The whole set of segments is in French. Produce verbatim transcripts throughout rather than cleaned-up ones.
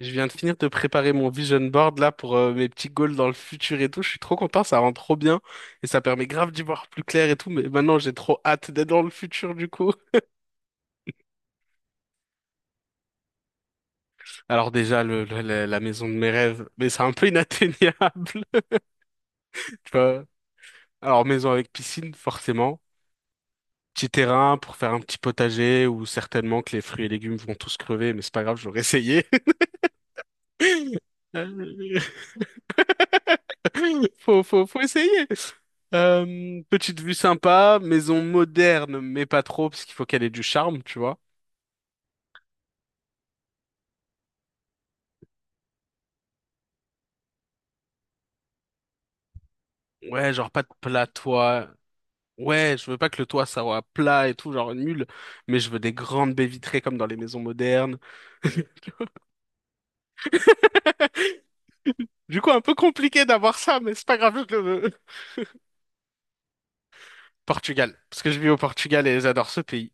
Je viens de finir de préparer mon vision board là pour euh, mes petits goals dans le futur et tout. Je suis trop content, ça rend trop bien et ça permet grave d'y voir plus clair et tout. Mais maintenant, j'ai trop hâte d'être dans le futur du coup. Alors déjà, le, le- la la maison de mes rêves, mais c'est un peu inatteignable. Tu vois. Alors maison avec piscine, forcément. Petit terrain pour faire un petit potager où certainement que les fruits et légumes vont tous crever, mais c'est pas grave, j'aurais essayé. Faut, faut, faut essayer. Euh, petite vue sympa, maison moderne, mais pas trop, parce qu'il faut qu'elle ait du charme, tu vois. Ouais, genre pas de plat toit. Ouais, je veux pas que le toit soit plat et tout, genre nul, mais je veux des grandes baies vitrées comme dans les maisons modernes. Du coup, un peu compliqué d'avoir ça, mais c'est pas grave, je le veux. Portugal, parce que je vis au Portugal et j'adore ce pays.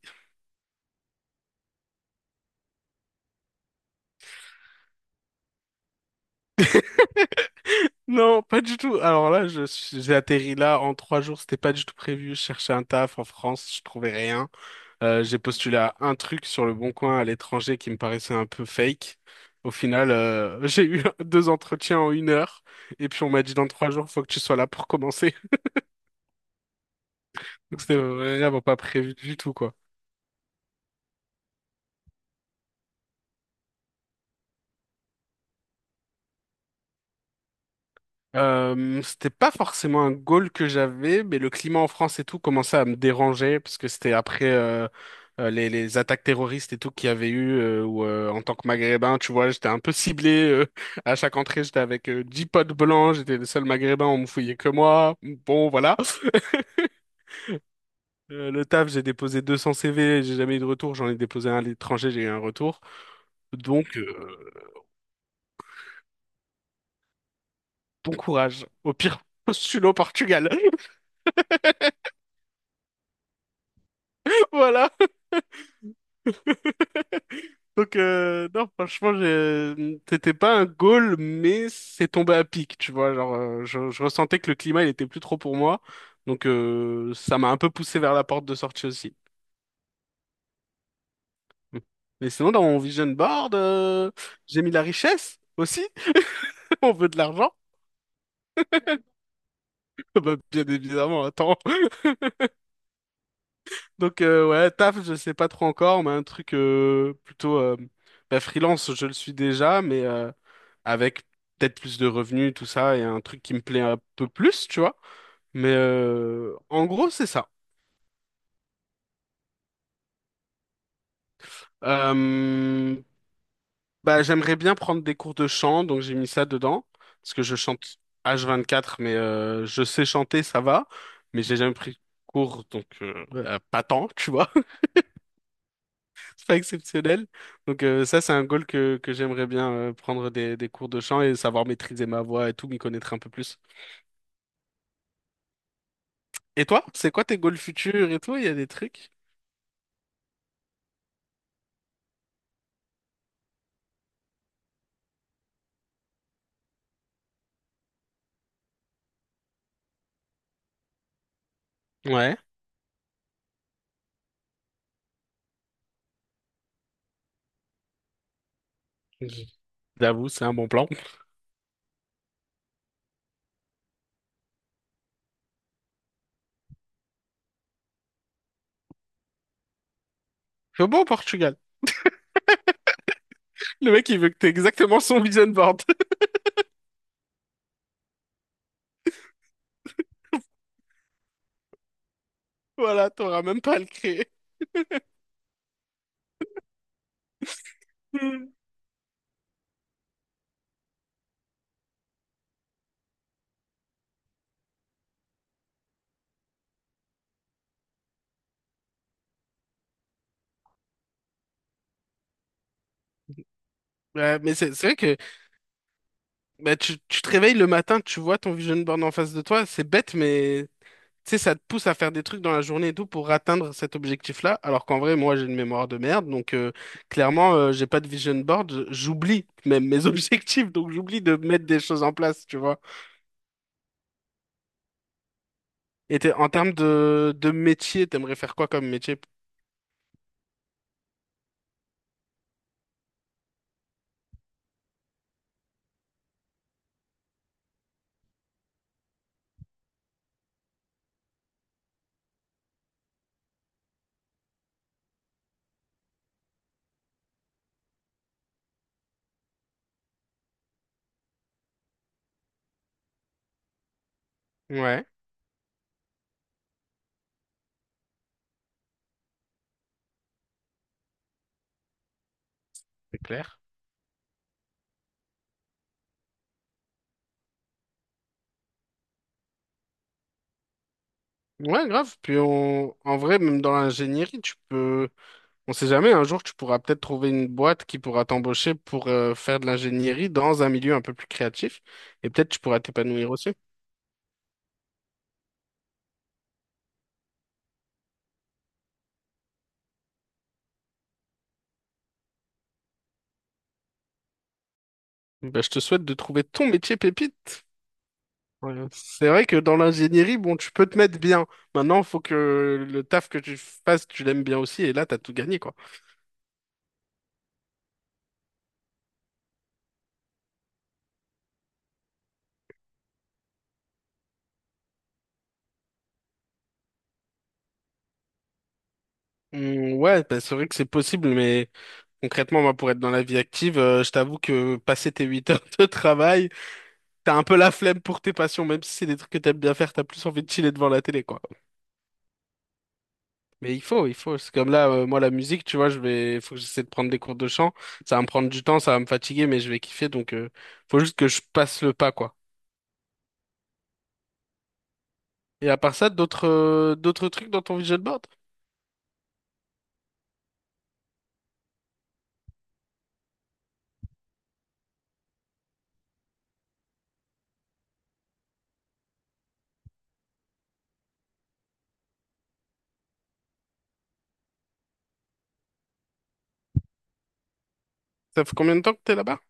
Non, pas du tout. Alors là, je suis- j'ai atterri là en trois jours, c'était pas du tout prévu. Je cherchais un taf en France, je trouvais rien. Euh, j'ai postulé à un truc sur le Bon Coin à l'étranger qui me paraissait un peu fake. Au final, euh, j'ai eu deux entretiens en une heure et puis on m'a dit dans trois jours, faut que tu sois là pour commencer. Donc c'était vraiment pas prévu du tout, quoi. Euh, c'était pas forcément un goal que j'avais, mais le climat en France et tout commençait à me déranger parce que c'était après euh, euh, les, les attaques terroristes et tout qu'il y avait eu euh, où euh, en tant que Maghrébin, tu vois, j'étais un peu ciblé euh, à chaque entrée, j'étais avec euh, dix potes blancs, j'étais le seul Maghrébin, on me fouillait que moi. Bon, voilà. Euh, le taf, j'ai déposé deux cents C V, j'ai jamais eu de retour, j'en ai déposé un à l'étranger, j'ai eu un retour. Donc, euh, bon courage. Au pire, postule au Portugal. Voilà. Donc, euh, non, franchement, j'ai- c'était pas un goal, mais c'est tombé à pic, tu vois. Genre, euh, je, je ressentais que le climat, il était plus trop pour moi. Donc, euh, ça m'a un peu poussé vers la porte de sortie aussi. Hum. Mais sinon, dans mon vision board, euh, j'ai mis la richesse aussi. On veut de l'argent. Bah, bien évidemment, attends. Donc euh, ouais, taf, je sais pas trop encore, mais un truc euh, plutôt euh, bah, freelance, je le suis déjà, mais euh, avec peut-être plus de revenus, tout ça, et un truc qui me plaît un peu plus, tu vois. Mais euh, en gros, c'est ça. Euh, bah, j'aimerais bien prendre des cours de chant, donc j'ai mis ça dedans, parce que je chante H vingt-quatre, mais euh, je sais chanter, ça va, mais j'ai jamais pris de cours, donc euh, euh, pas tant, tu vois. Pas exceptionnel. Donc euh, ça, c'est un goal que, que j'aimerais bien euh, prendre des, des cours de chant et savoir maîtriser ma voix et tout, m'y connaître un peu plus. Et toi, c'est quoi tes goals futurs et tout? Il y a des trucs? Ouais. J'avoue, c'est un bon plan. Je suis bon au Portugal. Le mec, il veut que t'aies exactement son vision board. Voilà, t'auras même pas à le créer. Hmm. Ouais, mais c'est c'est vrai que bah, tu, tu te réveilles le matin, tu vois ton vision board en face de toi, c'est bête, mais tu sais, ça te pousse à faire des trucs dans la journée et tout pour atteindre cet objectif-là, alors qu'en vrai, moi, j'ai une mémoire de merde, donc euh, clairement, euh, j'ai pas de vision board, j- j'oublie même mes objectifs, donc j'oublie de mettre des choses en place, tu vois. Et t'es- en termes de, de métier, t'aimerais faire quoi comme métier? Ouais, c'est clair. Ouais, grave. Puis on, en vrai, même dans l'ingénierie, tu peux. On sait jamais, un jour, tu pourras peut-être trouver une boîte qui pourra t'embaucher pour euh, faire de l'ingénierie dans un milieu un peu plus créatif et peut-être tu pourras t'épanouir aussi. Ben, je te souhaite de trouver ton métier pépite. Ouais. C'est vrai que dans l'ingénierie, bon, tu peux te mettre bien. Maintenant, il faut que le taf que tu fasses, tu l'aimes bien aussi et là, t'as tout gagné, quoi. Hum, ouais, ben, c'est vrai que c'est possible, mais concrètement, moi, pour être dans la vie active, euh, je t'avoue que passer tes huit heures de travail, t'as un peu la flemme pour tes passions, même si c'est des trucs que t'aimes bien faire, t'as plus envie de chiller devant la télé, quoi. Mais il faut, il faut. C'est comme là, euh, moi, la musique, tu vois, je vais, il faut que j'essaie de prendre des cours de chant. Ça va me prendre du temps, ça va me fatiguer, mais je vais kiffer. Donc, euh, faut juste que je passe le pas, quoi. Et à part ça, d'autres, euh, d'autres trucs dans ton vision board? Ça fait combien de temps que t'es là-bas?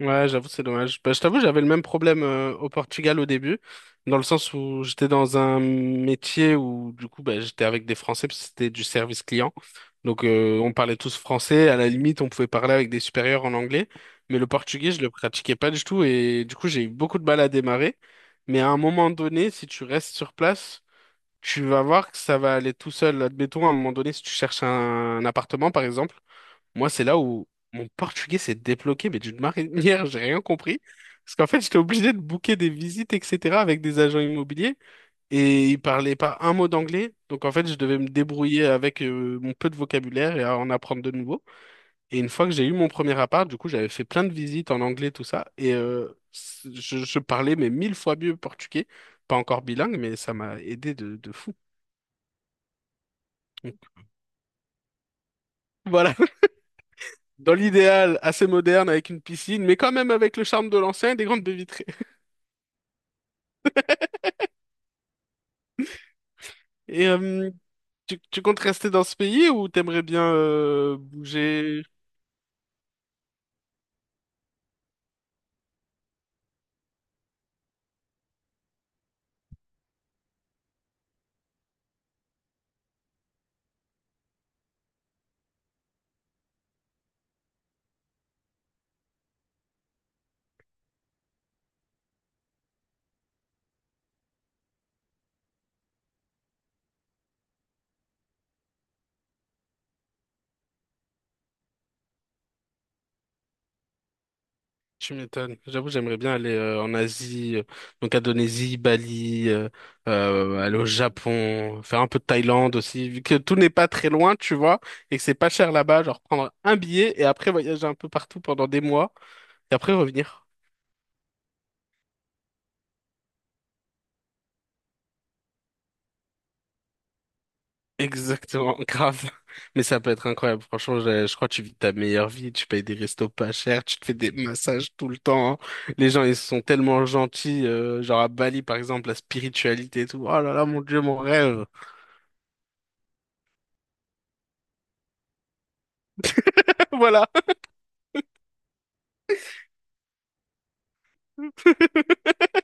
Ouais, j'avoue, c'est dommage. Bah, je t'avoue, j'avais le même problème euh, au Portugal au début, dans le sens où j'étais dans un métier où, du coup, bah, j'étais avec des Français, parce que c'était du service client. Donc, euh, on parlait tous français. À la limite, on pouvait parler avec des supérieurs en anglais, mais le portugais, je le pratiquais pas du tout. Et du coup, j'ai eu beaucoup de mal à démarrer. Mais à un moment donné, si tu restes sur place, tu vas voir que ça va aller tout seul. Admettons, à un moment donné, si tu cherches un un appartement, par exemple. Moi, c'est là où mon portugais s'est débloqué, mais d'une manière, j'ai rien compris. Parce qu'en fait, j'étais obligé de booker des visites, et cetera, avec des agents immobiliers. Et ils parlaient pas un mot d'anglais. Donc, en fait, je devais me débrouiller avec euh, mon peu de vocabulaire et à en apprendre de nouveau. Et une fois que j'ai eu mon premier appart, du coup, j'avais fait plein de visites en anglais, tout ça. Et euh, c- je, je parlais, mais mille fois mieux portugais. Pas encore bilingue, mais ça m'a aidé de, de fou. Donc, voilà, dans l'idéal, assez moderne avec une piscine, mais quand même avec le charme de l'ancien et des grandes baies vitrées. Et euh, tu, tu comptes rester dans ce pays ou t'aimerais bien euh, bouger? Tu m'étonnes. J'avoue, j'aimerais bien aller euh, en Asie, euh, donc Indonésie, Bali, euh, euh, aller au Japon, faire un peu de Thaïlande aussi, vu que tout n'est pas très loin, tu vois, et que c'est pas cher là-bas, genre prendre un billet et après voyager un peu partout pendant des mois et après revenir. Exactement, grave. Mais ça peut être incroyable. Franchement, je, je crois que tu vis ta meilleure vie. Tu payes des restos pas chers, tu te fais des massages tout le temps, hein. Les gens, ils sont tellement gentils, euh, genre à Bali, par exemple, la spiritualité et tout. Oh là là, mon Dieu, mon rêve. Voilà.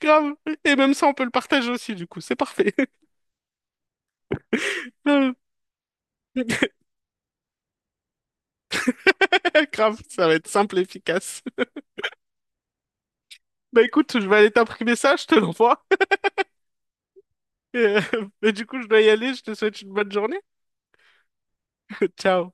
Grave. Et même ça, on peut le partager aussi, du coup. C'est parfait. Grave, ça va être simple et efficace. Bah écoute, je vais aller t'imprimer ça, je te l'envoie. Et, euh, et du coup, je dois y aller. Je te souhaite une bonne journée. Ciao.